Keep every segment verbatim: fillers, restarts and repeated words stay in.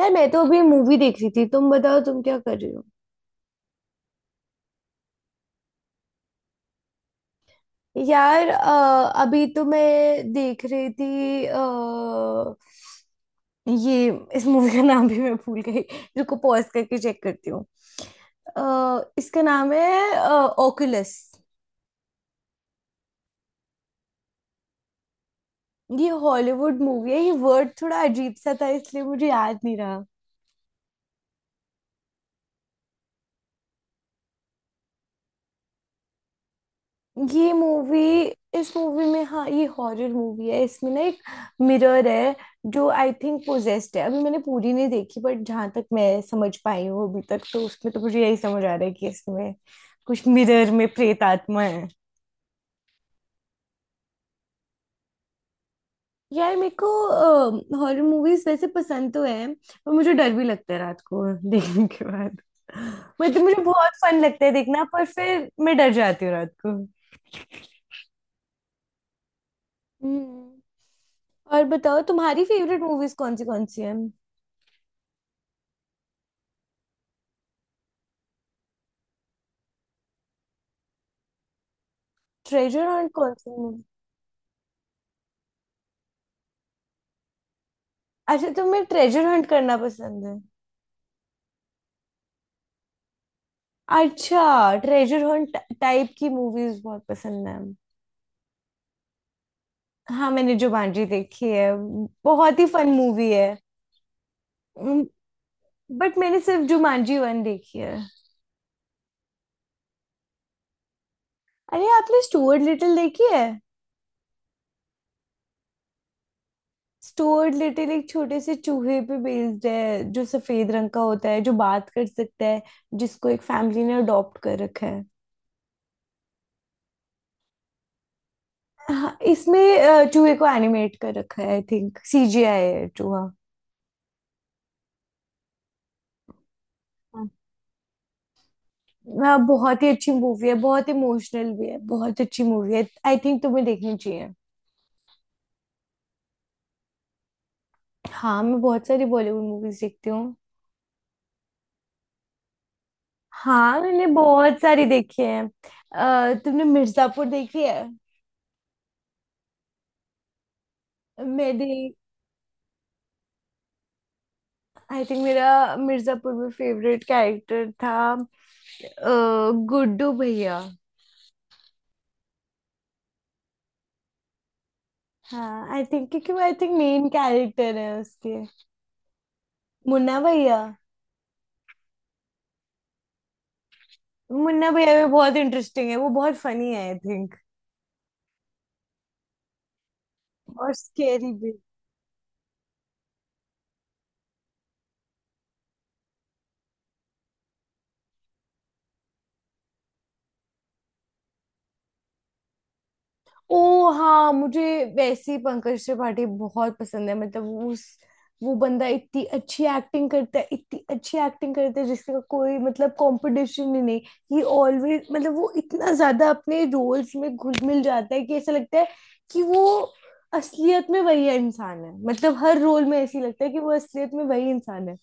यार मैं तो अभी मूवी देख रही थी। तुम बताओ, तुम क्या कर रही हो? यार अ, अभी तो मैं देख रही थी। अ, ये इस मूवी का नाम भी मैं भूल गई। रुको, पॉज करके चेक करती हूँ। अ, इसका नाम है ऑकुलस। ये हॉलीवुड मूवी है, ये वर्ड थोड़ा अजीब सा था इसलिए मुझे याद नहीं रहा। ये मूवी इस मूवी में हाँ, ये हॉरर मूवी है। इसमें ना एक मिरर है जो आई थिंक पोजेस्ड है। अभी मैंने पूरी नहीं देखी, बट जहां तक मैं समझ पाई हूँ अभी तक, तो उसमें तो मुझे यही समझ आ रहा है कि इसमें कुछ मिरर में प्रेत आत्मा है। यार मेरे को हॉरर मूवीज वैसे पसंद तो है, पर मुझे डर भी लगता है रात को देखने के बाद। मतलब मुझे बहुत फन लगता है देखना, पर फिर मैं डर जाती हूँ रात को। हम्म। और बताओ, तुम्हारी फेवरेट मूवीज कौन सी कौन सी हैं? ट्रेजर हंट कौन सी मूवी? अच्छा, तुम्हें ट्रेजर हंट करना पसंद है? अच्छा, ट्रेजर हंट टाइप की मूवीज बहुत पसंद है। हाँ, मैंने जुमांजी देखी है। बहुत ही फन मूवी है। बट मैंने सिर्फ जुमांजी वन देखी है। अरे आपने स्टुअर्ट लिटिल देखी है? स्टुअर्ट लिटिल एक छोटे से चूहे पे बेस्ड है, जो सफेद रंग का होता है, जो बात कर सकता है, जिसको एक फैमिली ने अडॉप्ट कर रखा है। हाँ, इसमें अ, चूहे को एनिमेट कर रखा है। आई थिंक सीजीआई है चूहा। हाँ। हाँ, बहुत ही अच्छी मूवी है, बहुत इमोशनल भी है, बहुत अच्छी मूवी है। आई थिंक तुम्हें देखनी चाहिए। हाँ, मैं बहुत सारी बॉलीवुड मूवीज देखती हूँ। हाँ, मैंने बहुत सारी देखी है। अ, तुमने मिर्जापुर देखी है? मेरी आई थिंक मेरा मिर्जापुर में फेवरेट कैरेक्टर था अ, गुड्डू भैया। हाँ आई थिंक क्योंकि वो आई थिंक मेन कैरेक्टर है उसके। मुन्ना भैया, मुन्ना भैया भी बहुत इंटरेस्टिंग है, वो बहुत फनी है आई थिंक। और स्केरी भी। ओ हाँ, मुझे वैसे ही पंकज त्रिपाठी बहुत पसंद है। मतलब वो उस, वो बंदा इतनी अच्छी एक्टिंग करता है, इतनी अच्छी एक्टिंग करता है जिसका कोई मतलब कंपटीशन ही नहीं। ही ऑलवेज मतलब वो इतना ज्यादा अपने रोल्स में घुल मिल जाता है कि ऐसा लगता है कि वो असलियत में वही इंसान है। मतलब हर रोल में ऐसी लगता है कि वो असलियत में वही इंसान है।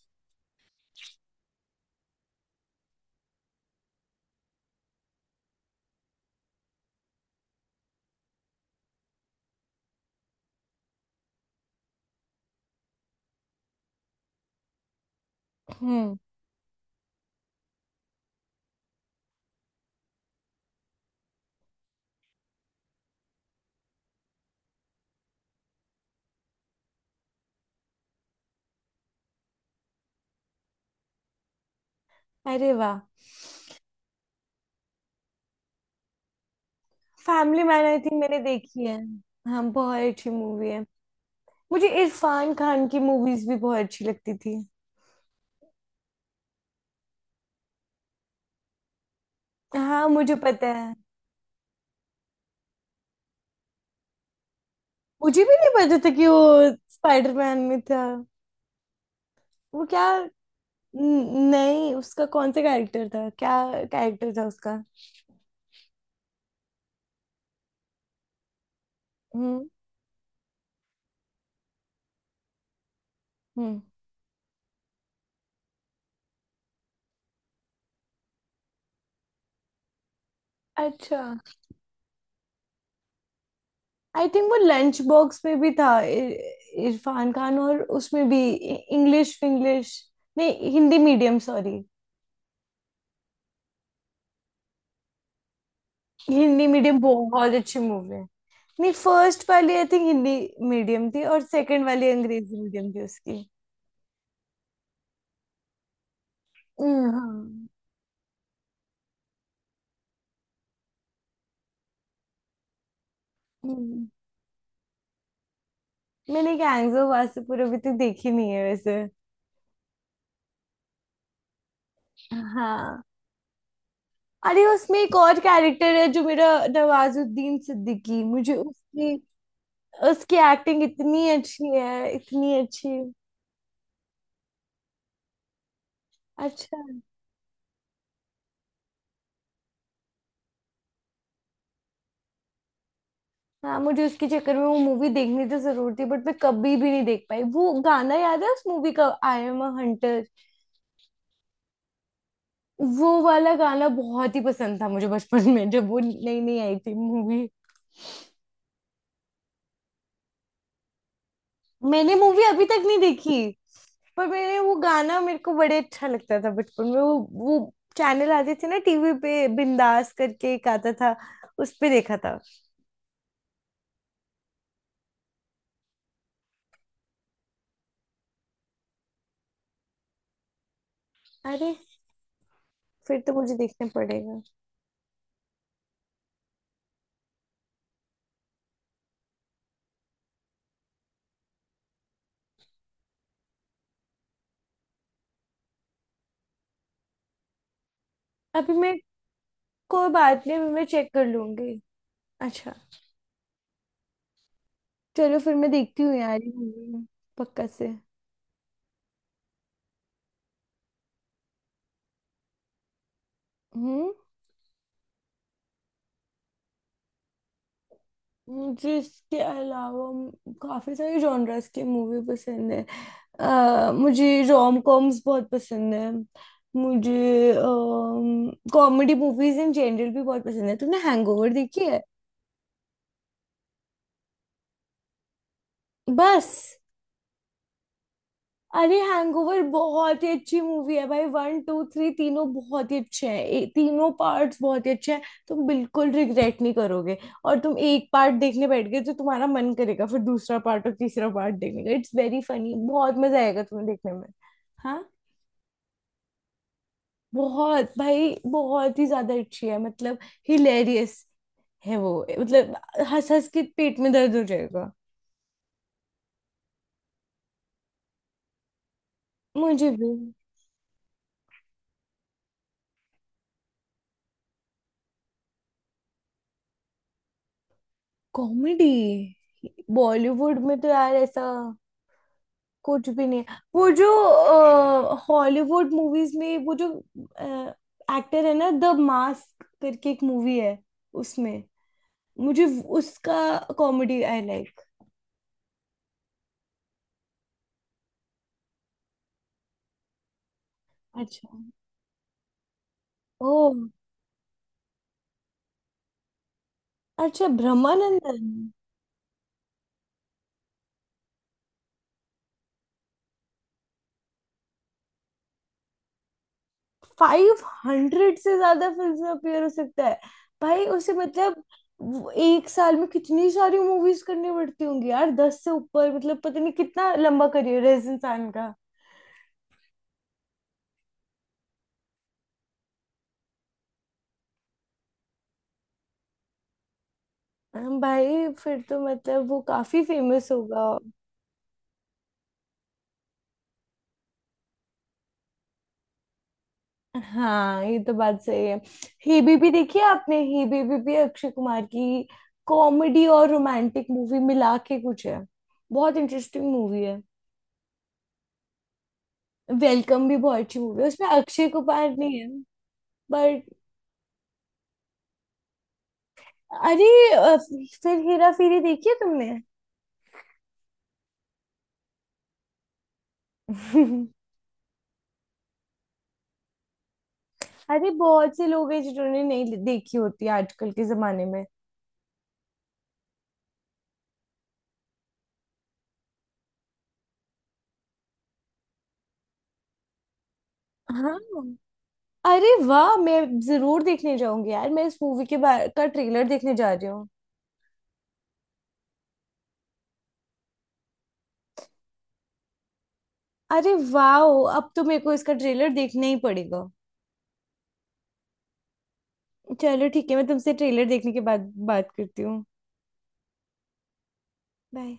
हम्म। अरे वाह। फैमिली मैन आई थिंक मैंने देखी है। हाँ, बहुत अच्छी मूवी है। मुझे इरफान खान की मूवीज भी बहुत अच्छी लगती थी। हाँ, मुझे पता है। मुझे भी नहीं पता था कि वो स्पाइडरमैन में था। वो क्या, न- नहीं उसका कौन सा कैरेक्टर था? क्या कैरेक्टर था उसका? हम्म। हम्म। अच्छा। आई थिंक वो लंच बॉक्स में भी था, इर- इरफान खान, और उसमें भी इंग्लिश इंग्लिश, नहीं Hindi medium sorry. Hindi medium बहुत अच्छी मूवी है। नहीं फर्स्ट वाली आई थिंक हिंदी मीडियम थी और सेकंड वाली अंग्रेजी मीडियम थी उसकी। हम्म, हाँ। हम्म। मैंने गैंग्स ऑफ वासेपुर अभी तक देखी नहीं है वैसे। हाँ। अरे उसमें एक और कैरेक्टर है जो मेरा, नवाजुद्दीन सिद्दीकी, मुझे उसकी, उसकी एक्टिंग इतनी अच्छी है, इतनी अच्छी। अच्छा। हाँ, मुझे उसके चक्कर में वो मूवी देखनी तो जरूर थी, बट मैं कभी भी नहीं देख पाई। वो गाना याद है उस मूवी का, आई एम अ हंटर? वो वाला गाना बहुत ही पसंद था मुझे बचपन में जब वो नई नई आई थी मूवी। मैंने मूवी अभी तक नहीं देखी, पर मैंने वो गाना, मेरे को बड़े अच्छा लगता था बचपन में। वो वो चैनल आते थे ना टीवी पे, बिंदास करके एक आता था, उस पे देखा था। अरे फिर तो मुझे देखना पड़ेगा। अभी मैं, कोई बात नहीं अभी मैं चेक कर लूंगी। अच्छा, चलो फिर मैं देखती हूँ यार ये movie, पक्का से। हम्म। मुझे इसके अलावा काफी सारे जॉनर्स की मूवी पसंद है। अ, मुझे रोम कॉम्स बहुत पसंद है। मुझे कॉमेडी मूवीज इन जनरल भी बहुत पसंद है। तुमने हैंगओवर देखी है? बस। अरे हैंगओवर बहुत ही अच्छी मूवी है भाई, वन टू थ्री तीनों बहुत ही अच्छे हैं। ए, तीनों पार्ट्स बहुत ही अच्छे हैं, तुम बिल्कुल रिग्रेट नहीं करोगे। और तुम एक पार्ट देखने बैठ गए तो तुम्हारा मन करेगा फिर दूसरा पार्ट और तीसरा पार्ट देखने का। इट्स वेरी फनी, बहुत मजा आएगा तुम्हें देखने में। हाँ। बहुत भाई, बहुत ही ज्यादा अच्छी है। मतलब हिलेरियस है वो, मतलब हंस हंस के पेट में दर्द हो जाएगा। मुझे भी कॉमेडी, बॉलीवुड में तो यार ऐसा कुछ भी नहीं है। वो जो हॉलीवुड मूवीज में, वो जो एक्टर है ना द मास्क करके एक मूवी है, उसमें मुझे उसका कॉमेडी आई लाइक। अच्छा। ओ, अच्छा ब्रह्मानंदन। फाइव हंड्रेड से ज्यादा फिल्म में अपीयर हो सकता है भाई उसे, मतलब वो एक साल में कितनी सारी मूवीज करनी पड़ती होंगी यार, दस से ऊपर मतलब, पता नहीं कितना लंबा करियर है इस इंसान का। हम भाई, फिर तो मतलब वो काफी फेमस होगा। हाँ ये तो बात सही है। ही बीबी देखी है आपने? ही बीबी भी अक्षय कुमार की कॉमेडी और रोमांटिक मूवी मिला के कुछ है, बहुत इंटरेस्टिंग मूवी है। वेलकम भी बहुत अच्छी मूवी है, उसमें अक्षय कुमार नहीं है। अरे अ, फिर हेरा फेरी देखी है तुमने? अरे बहुत से लोग हैं जिन्होंने नहीं देखी होती आजकल के जमाने में। हाँ। अरे वाह, मैं जरूर देखने जाऊंगी यार। मैं इस मूवी के बारे का ट्रेलर देखने जा रही हूँ। अरे वाह, अब तो मेरे को इसका ट्रेलर देखना ही पड़ेगा। चलो ठीक है, मैं तुमसे ट्रेलर देखने के बाद बात करती हूँ। बाय।